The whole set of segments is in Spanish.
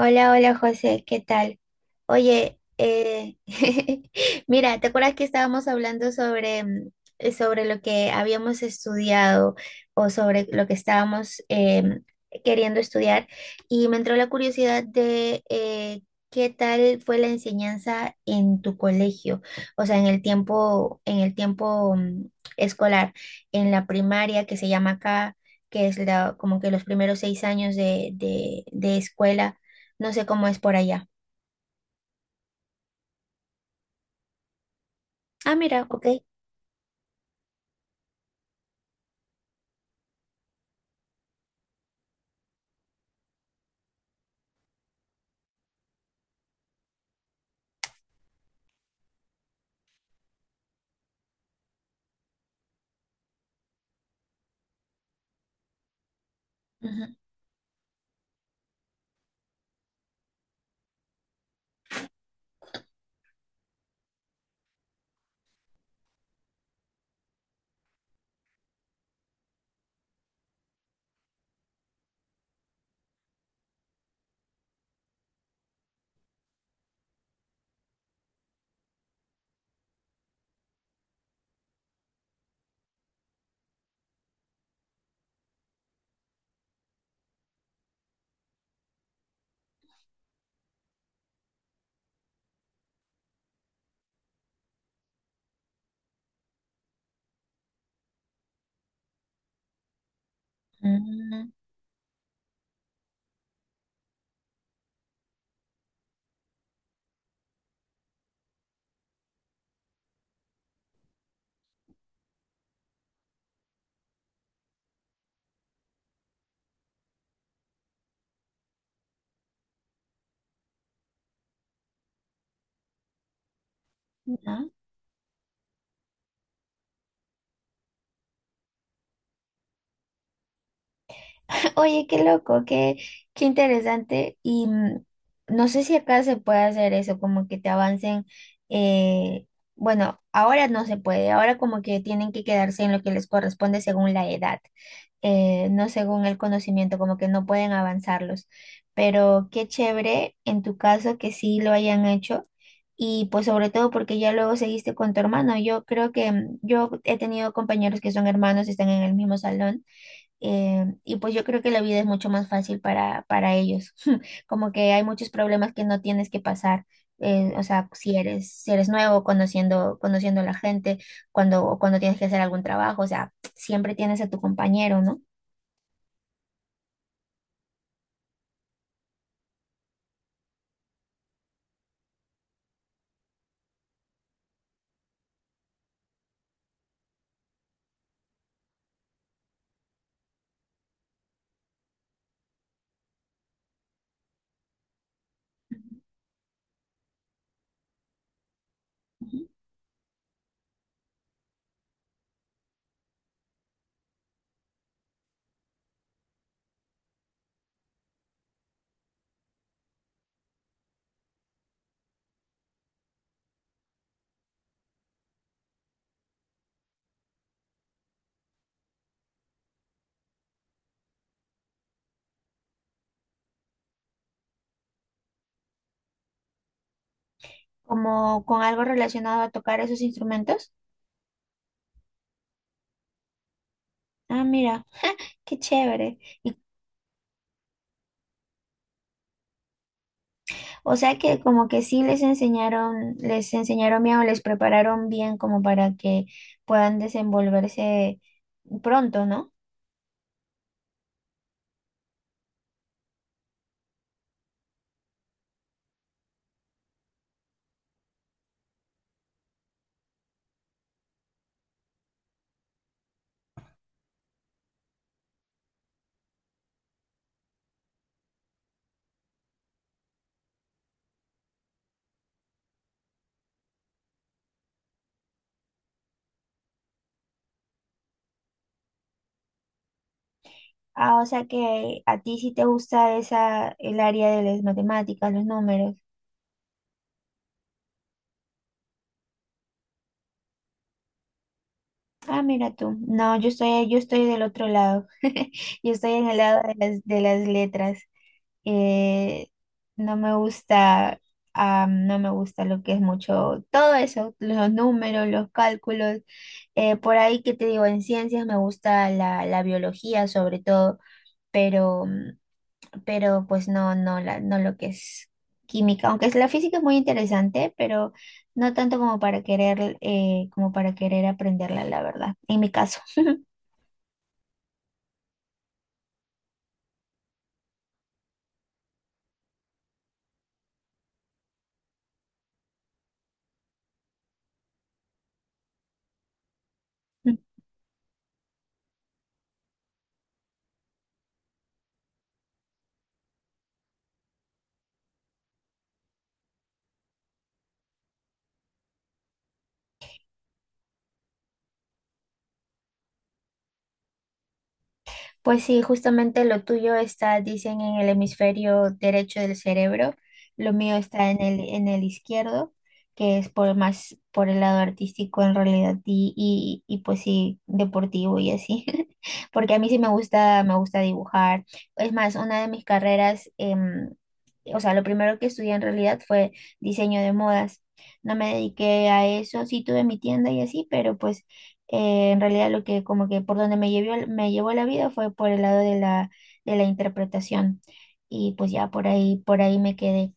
Hola, hola José, ¿qué tal? Oye, mira, ¿te acuerdas que estábamos hablando sobre lo que habíamos estudiado, o sobre lo que estábamos queriendo estudiar? Y me entró la curiosidad de qué tal fue la enseñanza en tu colegio, o sea, en el tiempo escolar, en la primaria, que se llama acá, que es como que los primeros 6 años de escuela. No sé cómo es por allá. Ah, mira, ok. Ujú. Mm, ¿no? Oye, qué loco, qué interesante. Y no sé si acá se puede hacer eso, como que te avancen. eh, bueno, ahora no se puede, ahora como que tienen que quedarse en lo que les corresponde según la edad. No según el conocimiento, como que no pueden avanzarlos. Pero qué chévere en tu caso que sí lo hayan hecho, y pues sobre todo porque ya luego seguiste con tu hermano. Yo creo que yo he tenido compañeros que son hermanos, están en el mismo salón, y pues yo creo que la vida es mucho más fácil para ellos, como que hay muchos problemas que no tienes que pasar. O sea, si eres nuevo, conociendo a la gente, cuando tienes que hacer algún trabajo, o sea, siempre tienes a tu compañero, ¿no? Como con algo relacionado a tocar esos instrumentos. Ah, mira, qué chévere. Y, o sea que como que sí les enseñaron bien, o les prepararon bien, como para que puedan desenvolverse pronto, ¿no? Ah, o sea que a ti sí te gusta el área de las matemáticas, los números. Ah, mira tú. No, yo estoy del otro lado. Yo estoy en el lado de las letras. eh, no me gusta, no me gusta lo que es mucho, todo eso, los números, los cálculos. Por ahí que te digo, en ciencias me gusta la biología sobre todo, pero, pero pues no, no lo que es química. Aunque la física es muy interesante, pero no tanto como para querer aprenderla, la verdad, en mi caso. Pues sí, justamente lo tuyo está, dicen, en el hemisferio derecho del cerebro, lo mío está en el izquierdo, que es por más por el lado artístico en realidad, y, pues sí, deportivo y así, porque a mí sí me gusta dibujar. Es más, una de mis carreras, o sea, lo primero que estudié en realidad fue diseño de modas. No me dediqué a eso, sí tuve mi tienda y así, pero pues en realidad, lo que como que por donde me llevó la vida fue por el lado de la interpretación, y pues ya por ahí me quedé.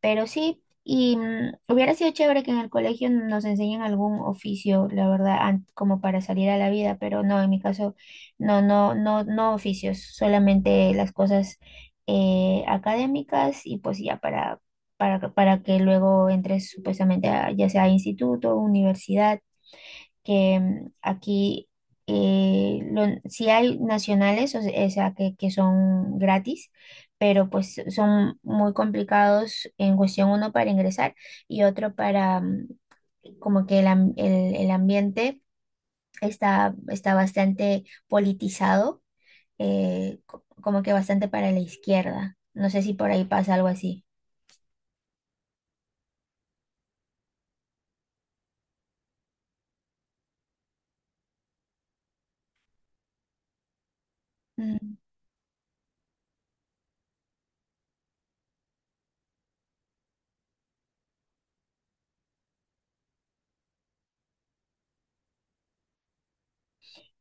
Pero sí, y hubiera sido chévere que en el colegio nos enseñen algún oficio, la verdad, como para salir a la vida, pero no, en mi caso, no, no, oficios, solamente las cosas académicas, y pues ya para. Para que luego entres, supuestamente, ya sea a instituto, universidad, que aquí sí hay nacionales, o sea, que son gratis, pero pues son muy complicados, en cuestión uno para ingresar, y otro para como que el ambiente está bastante politizado, como que bastante para la izquierda. No sé si por ahí pasa algo así. Mm,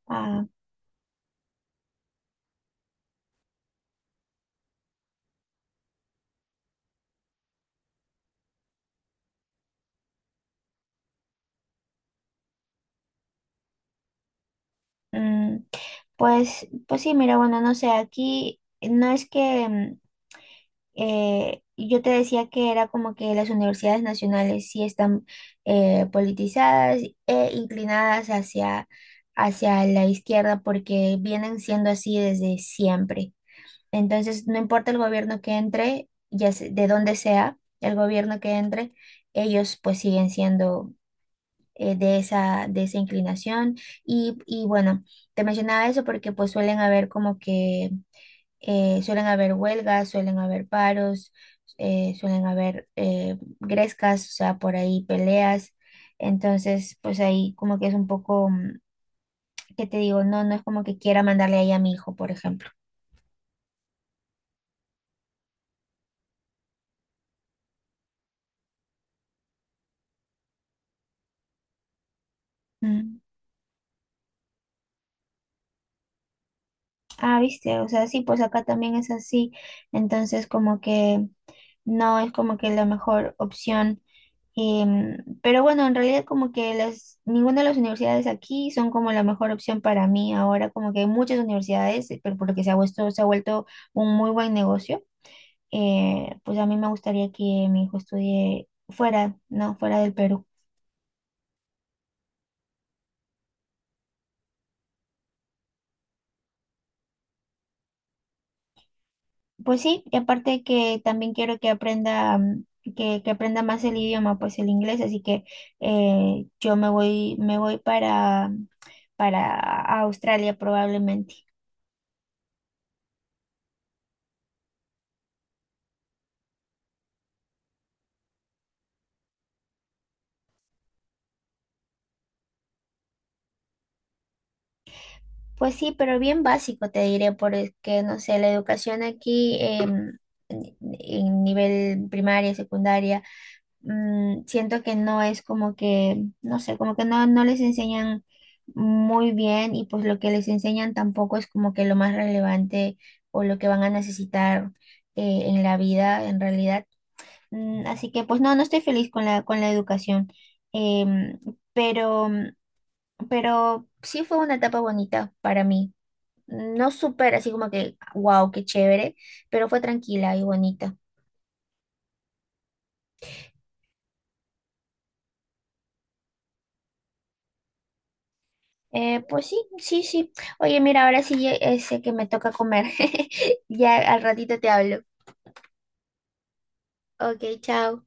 ah, mm, pues sí, mira, bueno, no sé, aquí no es que. Y yo te decía que era como que las universidades nacionales sí están politizadas e inclinadas hacia la izquierda, porque vienen siendo así desde siempre. Entonces, no importa el gobierno que entre, de dónde sea el gobierno que entre, ellos pues siguen siendo de esa inclinación. Y bueno, te mencionaba eso porque pues suelen haber como que suelen haber huelgas, suelen haber paros, suelen haber grescas, o sea, por ahí peleas. Entonces, pues ahí como que es un poco, ¿qué te digo? No, no es como que quiera mandarle ahí a mi hijo, por ejemplo. Mm. Ah, viste, o sea, sí, pues acá también es así. Entonces, como que no es como que la mejor opción. Pero bueno, en realidad, como que ninguna de las universidades aquí son como la mejor opción para mí ahora, como que hay muchas universidades, pero porque se ha vuelto un muy buen negocio. Pues a mí me gustaría que mi hijo estudie fuera, ¿no? Fuera del Perú. Pues sí, y aparte, que también quiero que aprenda, que aprenda más el idioma, pues el inglés, así que yo me voy para Australia, probablemente. Pues sí, pero bien básico te diré, porque no sé, la educación aquí en nivel primaria, secundaria, siento que no es como que, no sé, como que no les enseñan muy bien, y pues lo que les enseñan tampoco es como que lo más relevante, o lo que van a necesitar en la vida, en realidad. Mm, así que pues no estoy feliz con la educación. Em, pero, pero sí fue una etapa bonita para mí. No súper así como que, wow, qué chévere, pero fue tranquila y bonita. Pues sí, sí, sí. Oye, mira, ahora sí sé que me toca comer. Ya al ratito te hablo. Ok, chao.